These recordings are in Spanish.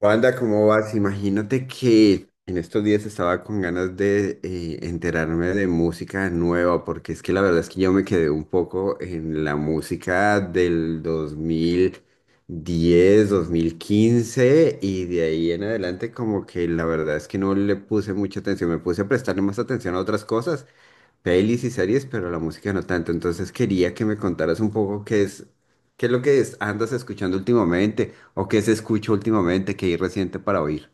Wanda, ¿cómo vas? Imagínate que en estos días estaba con ganas de enterarme de música nueva, porque es que la verdad es que yo me quedé un poco en la música del dos mil diez, 2015 y de ahí en adelante como que la verdad es que no le puse mucha atención, me puse a prestarle más atención a otras cosas. Pelis y series, pero la música no tanto. Entonces quería que me contaras un poco qué es, andas escuchando últimamente o qué se escucha últimamente, qué hay reciente para oír.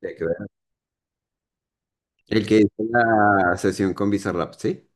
Ya que ver. El que hizo la sesión con Bizarrap, ¿sí?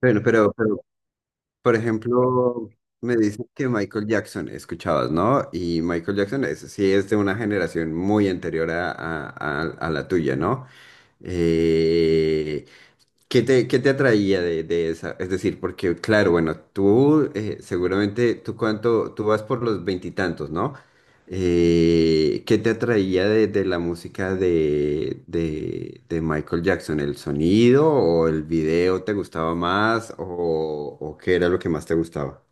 Bueno, por ejemplo, me dicen que Michael Jackson escuchabas, ¿no? Y Michael Jackson es, sí es de una generación muy anterior a, a la tuya, ¿no? Eh, ¿qué te, qué te atraía de esa? Es decir, porque claro, bueno, tú seguramente, tú cuánto, tú vas por los veintitantos, ¿no? ¿Qué te atraía de la música de Michael Jackson? ¿El sonido o el video te gustaba más o qué era lo que más te gustaba?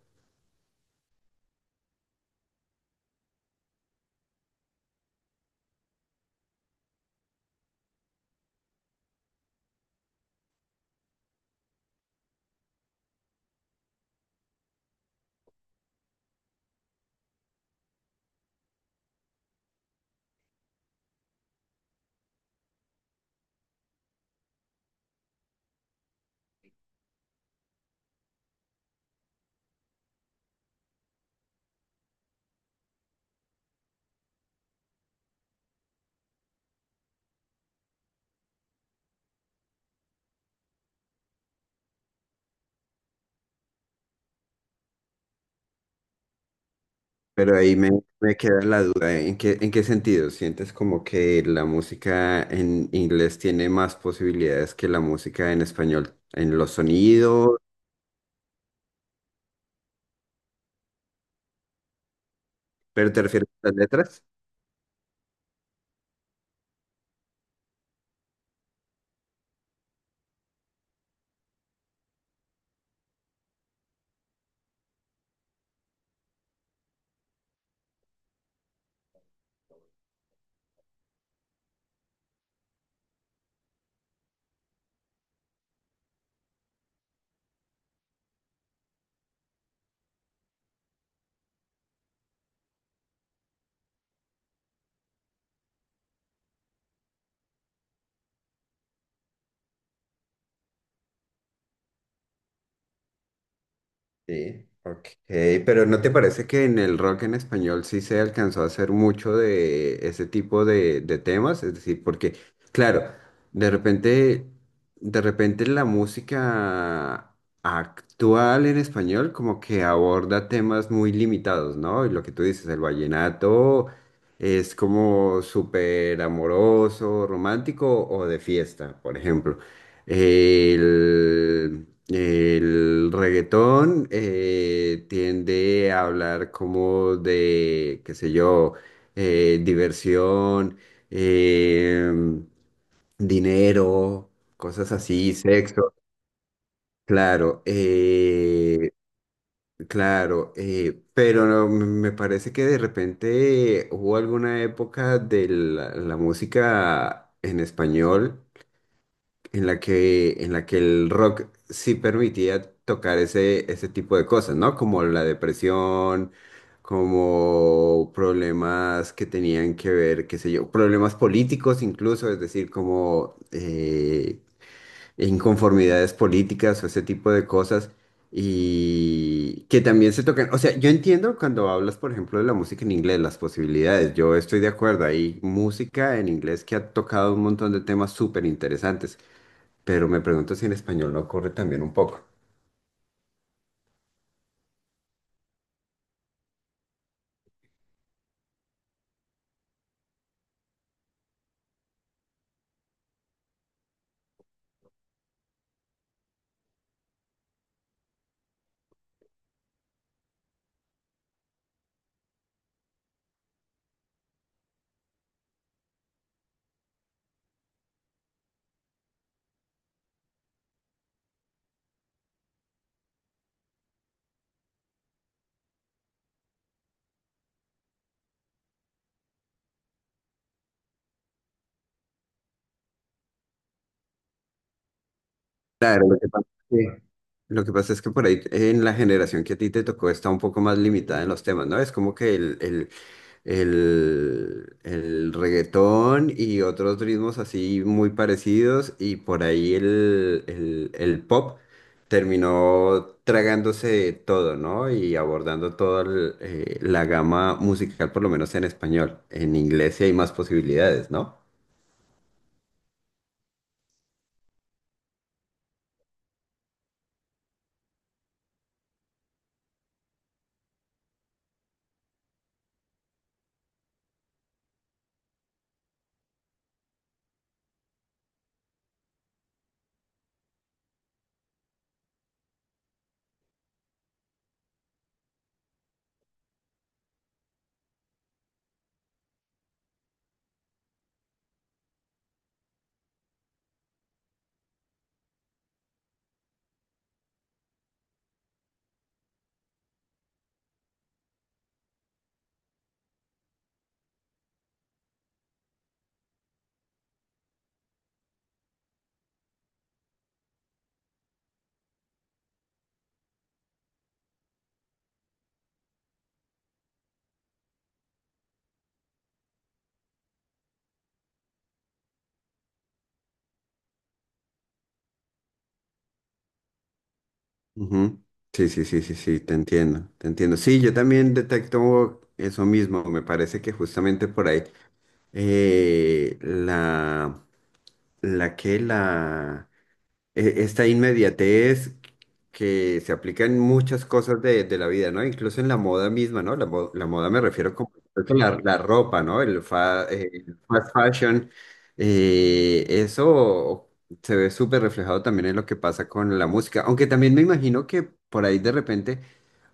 Pero ahí me, me queda la duda, ¿eh? ¿En qué, en qué sentido? ¿Sientes como que la música en inglés tiene más posibilidades que la música en español? ¿En los sonidos? ¿Pero te refieres a las letras? Sí, ok. Pero ¿no te parece que en el rock en español sí se alcanzó a hacer mucho de ese tipo de temas? Es decir, porque, claro, de repente, de repente la música actual en español como que aborda temas muy limitados, ¿no? Y lo que tú dices, el vallenato es como súper amoroso, romántico o de fiesta, por ejemplo. El reggaetón tiende a hablar como de, qué sé yo, diversión, em, dinero, cosas así, sexo, claro, claro, pero no, me parece que de repente hubo alguna época de la música en español en la que el rock sí permitía tocar ese, ese tipo de cosas, ¿no? Como la depresión, como problemas que tenían que ver, qué sé yo, problemas políticos incluso, es decir, como, inconformidades políticas o ese tipo de cosas y que también se tocan. O sea, yo entiendo cuando hablas, por ejemplo, de la música en inglés, las posibilidades, yo estoy de acuerdo, hay música en inglés que ha tocado un montón de temas súper interesantes, pero me pregunto si en español no ocurre también un poco. Claro, es que lo que pasa es que por ahí en la generación que a ti te tocó está un poco más limitada en los temas, ¿no? Es como que el reggaetón y otros ritmos así muy parecidos y por ahí el pop terminó tragándose todo, ¿no? Y abordando toda el, la gama musical, por lo menos en español. En inglés sí hay más posibilidades, ¿no? Ujú. Sí, sí, sí, sí, sí, te entiendo, te entiendo. Sí, yo también detecto eso mismo, me parece que justamente por ahí la, la que la, e- esta inmediatez que se aplica en muchas cosas de la vida, ¿no? Incluso en la moda misma, ¿no? La moda me refiero como creo que la ropa, ¿no? El fast fashion, eso se ve súper reflejado también en lo que pasa con la música, aunque también me imagino que por ahí de repente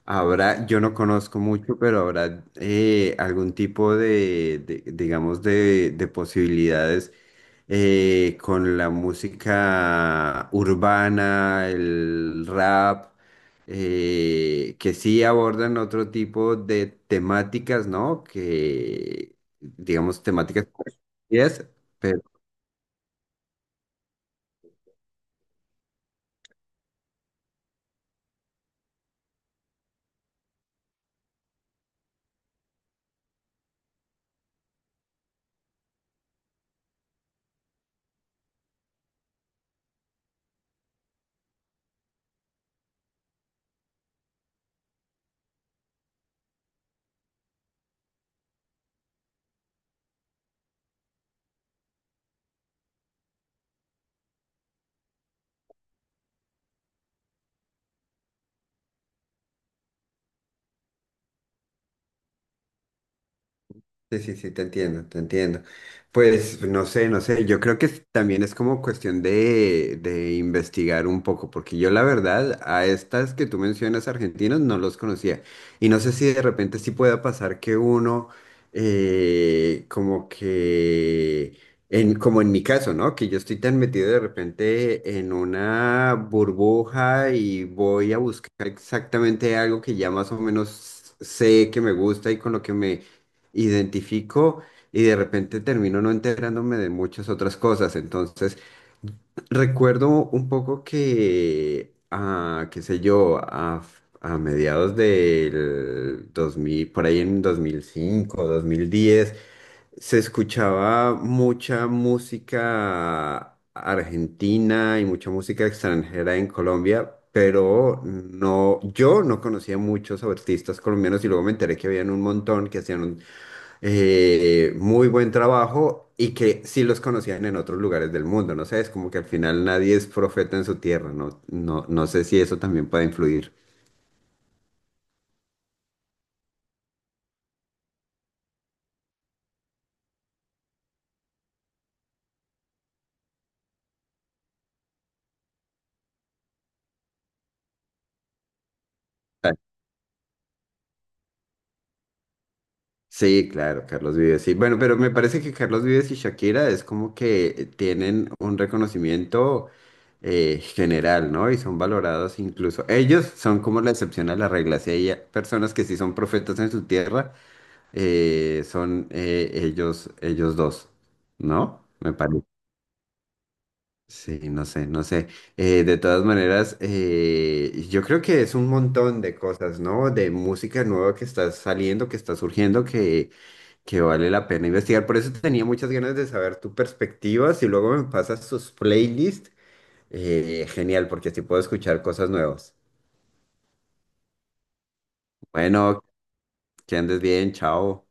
habrá, yo no conozco mucho, pero habrá algún tipo de, digamos, de posibilidades con la música urbana, el rap, que sí abordan otro tipo de temáticas, ¿no? Que, digamos, temáticas. Yes, sí, sí, sí, te entiendo, te entiendo. Pues no sé, no sé, yo creo que también es como cuestión de investigar un poco, porque yo la verdad a estas que tú mencionas argentinos no los conocía. Y no sé si de repente sí pueda pasar que uno, como que, en, como en mi caso, ¿no? Que yo estoy tan metido de repente en una burbuja y voy a buscar exactamente algo que ya más o menos sé que me gusta y con lo que me identifico y de repente termino no enterándome de muchas otras cosas. Entonces, recuerdo un poco que, ah, qué sé yo, a mediados del 2000 por ahí en dos mil cinco 2010 se escuchaba mucha música argentina y mucha música extranjera en Colombia, pero no, yo no conocía muchos artistas colombianos y luego me enteré que habían un montón que hacían muy buen trabajo y que sí los conocían en otros lugares del mundo, no sé, es como que al final nadie es profeta en su tierra, no, no, no sé si eso también puede influir. Ah, sí, claro, Carlos Vives, sí. Bueno, pero me parece que Carlos Vives y Shakira es como que tienen un reconocimiento general, ¿no? Y son valorados incluso. Ellos son como la excepción a la regla. Si hay personas que sí son profetas en su tierra, son ellos, ellos dos, ¿no? Me parece. Sí, no sé, no sé. De todas maneras, yo creo que es un montón de cosas, ¿no? De música nueva que está saliendo, que está surgiendo, que vale la pena investigar. Por eso tenía muchas ganas de saber tu perspectiva. Si luego me pasas tus playlists, genial, porque así puedo escuchar cosas nuevas. Bueno, que andes bien, chao.